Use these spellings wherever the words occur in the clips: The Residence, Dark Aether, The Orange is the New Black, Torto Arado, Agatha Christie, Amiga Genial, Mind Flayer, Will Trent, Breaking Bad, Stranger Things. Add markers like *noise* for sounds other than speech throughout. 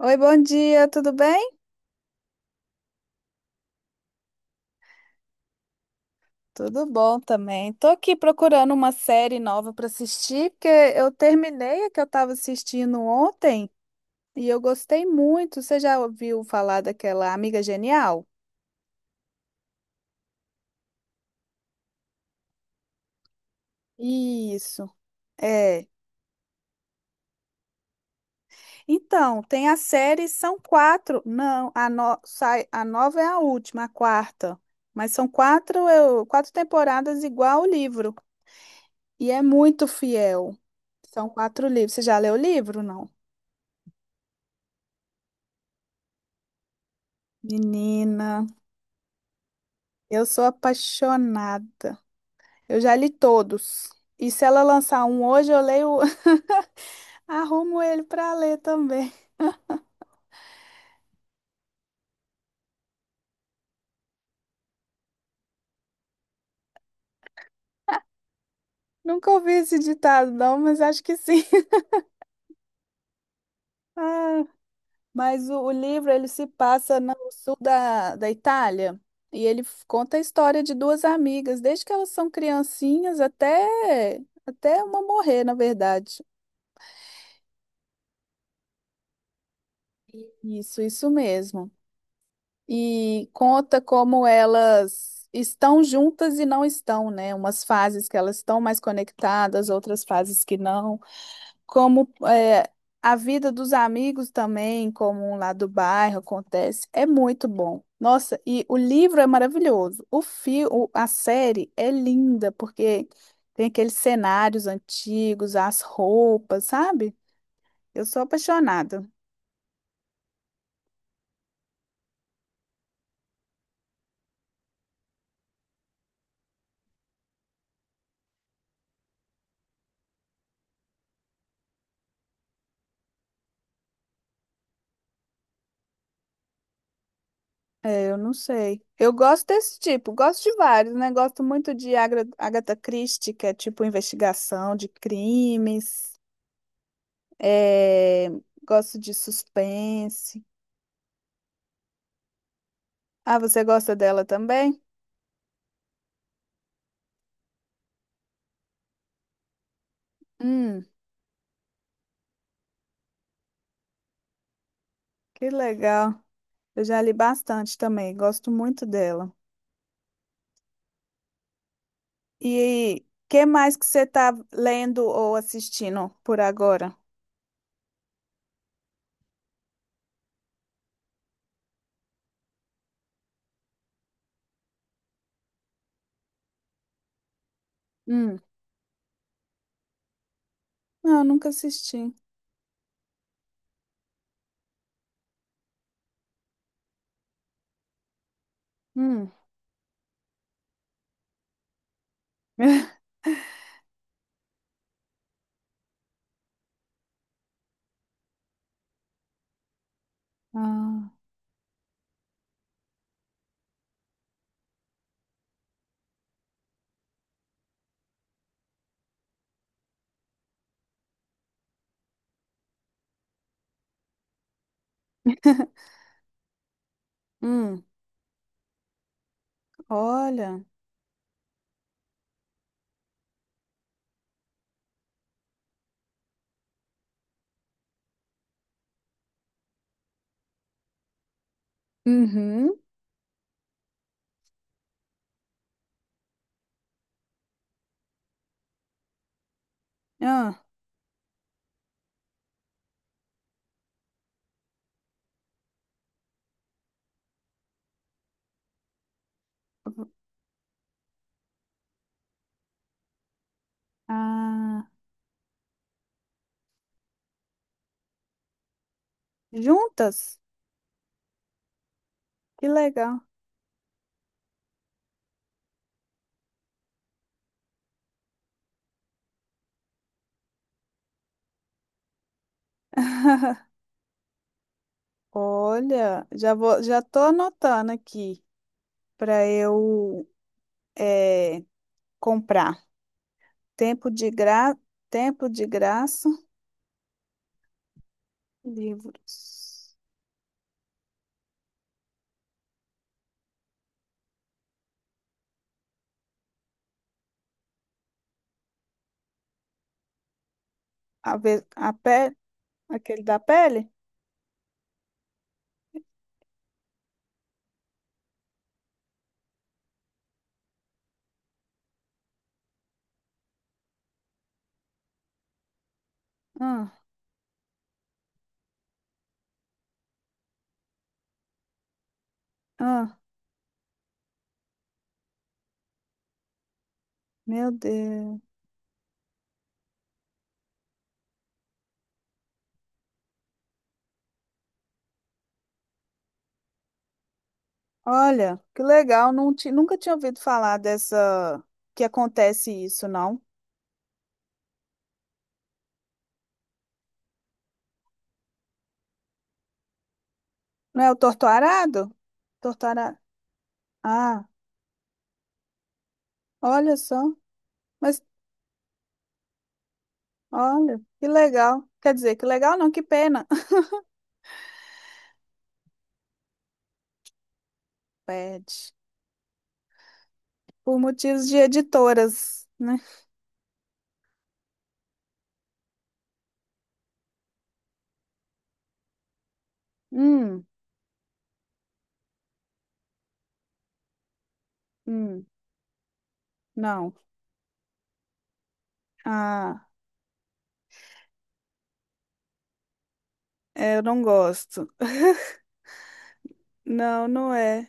Oi, bom dia, tudo bem? Tudo bom também. Tô aqui procurando uma série nova para assistir, porque eu terminei a que eu estava assistindo ontem e eu gostei muito. Você já ouviu falar daquela Amiga Genial? Isso, é. Então, tem a série, são quatro. Não, a, no- sai, a nova é a última, a quarta. Mas são quatro, quatro temporadas igual o livro. E é muito fiel. São quatro livros. Você já leu o livro, não? Menina. Eu sou apaixonada. Eu já li todos. E se ela lançar um hoje, eu leio, *laughs* arrumo ele para ler também. Nunca ouvi esse ditado, não, mas acho que sim. *laughs* Ah, mas o livro ele se passa no sul da Itália e ele conta a história de duas amigas, desde que elas são criancinhas até uma morrer, na verdade. Isso mesmo. E conta como elas estão juntas e não estão, né? Umas fases que elas estão mais conectadas, outras fases que não. Como é, a vida dos amigos também, como um lá do bairro acontece, é muito bom. Nossa, e o livro é maravilhoso. A série é linda porque tem aqueles cenários antigos, as roupas, sabe? Eu sou apaixonada. É, eu não sei. Eu gosto desse tipo, gosto de vários, né? Gosto muito de Agatha Christie, que é tipo investigação de crimes. É, gosto de suspense. Ah, você gosta dela também? Hum, que legal. Eu já li bastante também, gosto muito dela. E que mais que você está lendo ou assistindo por agora? Hum, não, nunca assisti. Hum. *laughs* Ah. Hum, olha. Uhum. Ah, ah, juntas? Que legal. *laughs* Olha, já vou, já tô anotando aqui para eu é, comprar. Tempo de gra, tempo de graça, livros. A pele, aquele da pele? Ah, ah, meu Deus. Olha, que legal. Nunca tinha ouvido falar dessa que acontece isso, não. Não é o torto arado? Torto arado. Ah. Olha só, mas olha, que legal. Quer dizer, que legal não, que pena. *laughs* Pede. Por motivos de editoras, né? Hum, hum, não. Ah, é, eu não gosto. Não, não é.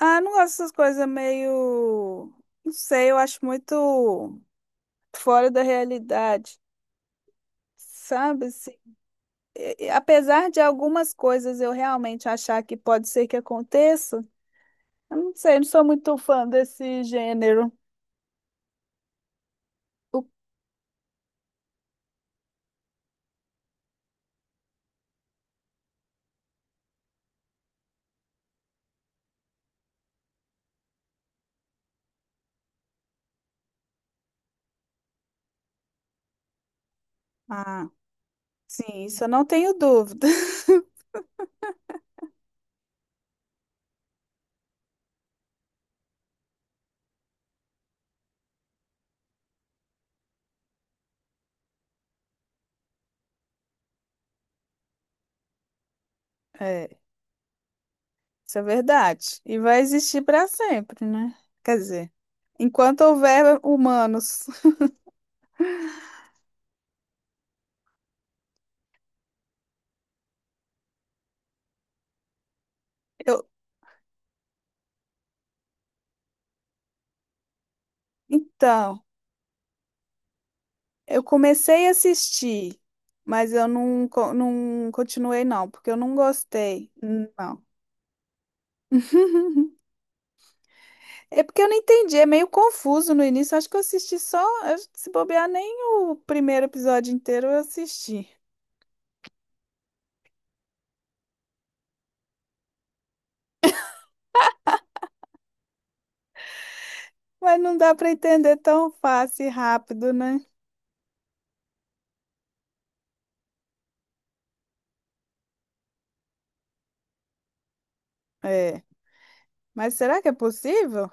Ah, não gosto dessas coisas meio. Não sei, eu acho muito fora da realidade. Sabe? Assim, e apesar de algumas coisas eu realmente achar que pode ser que aconteça, eu não sei, eu não sou muito fã desse gênero. O- ah. Sim, isso eu não tenho dúvida. *laughs* É, isso é verdade. E vai existir para sempre, né? Quer dizer, enquanto houver humanos. *laughs* Eu, então, eu comecei a assistir, mas eu não, co- não continuei, não, porque eu não gostei. Não. *laughs* É porque eu não entendi, é meio confuso no início. Acho que eu assisti só, se bobear, nem o primeiro episódio inteiro eu assisti. Mas não dá para entender tão fácil e rápido, né? É. Mas será que é possível? O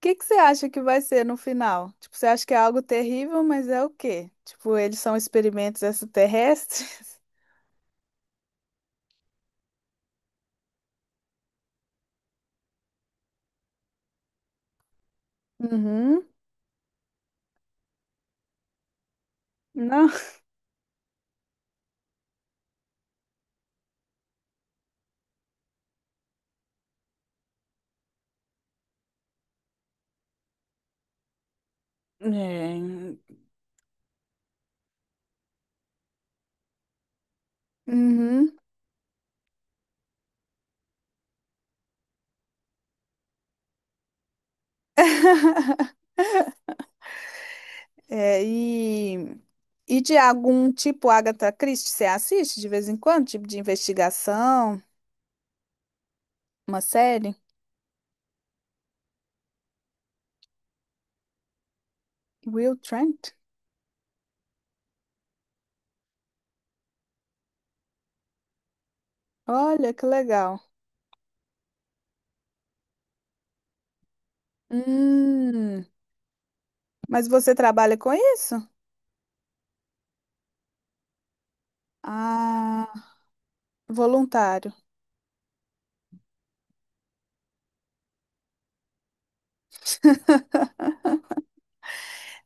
que que você acha que vai ser no final? Tipo, você acha que é algo terrível, mas é o quê? Tipo, eles são experimentos extraterrestres? *laughs* Uhum. Não. É, uhum. É, e de algum tipo Agatha Christie, você assiste de vez em quando? Tipo de investigação, uma série? Will Trent? Olha que legal. Hum, mas você trabalha com isso? Ah, voluntário.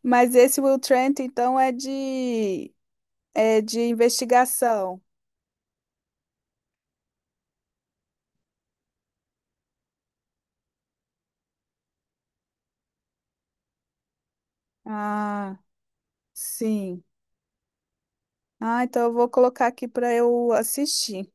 Mas esse Will Trent, então, é de investigação. Ah, sim. Ah, então eu vou colocar aqui para eu assistir.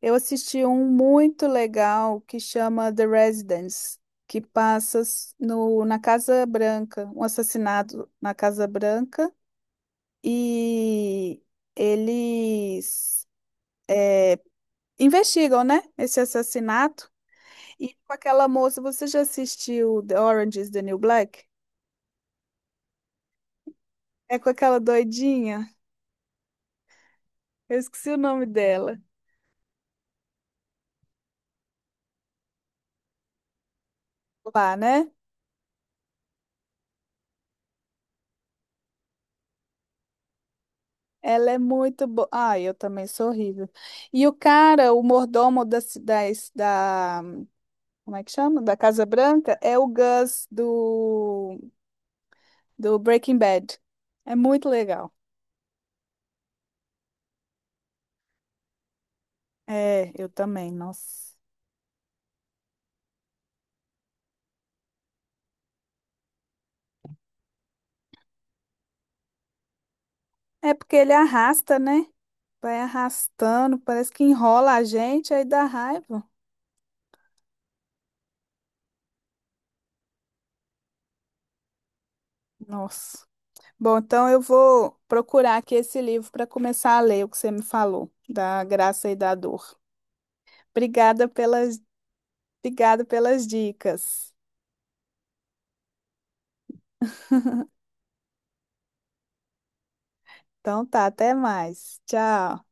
Eu assisti um muito legal que chama The Residence, que passa s- no, na Casa Branca, um assassinato na Casa Branca, e eles é, investigam, né, esse assassinato. E com aquela moça, você já assistiu The Orange is the New Black? É com aquela doidinha. Eu esqueci o nome dela. Lá, né? Ela é muito boa. Ai, eu também sou horrível. E o cara, o mordomo da. Como é que chama? Da Casa Branca, é o Gus do Breaking Bad. É muito legal. É, eu também, nossa. É porque ele arrasta, né? Vai arrastando, parece que enrola a gente, aí dá raiva. Nossa. Bom, então eu vou procurar aqui esse livro para começar a ler o que você me falou, da graça e da dor. Obrigada pelas, obrigada pelas dicas. Então tá, até mais. Tchau.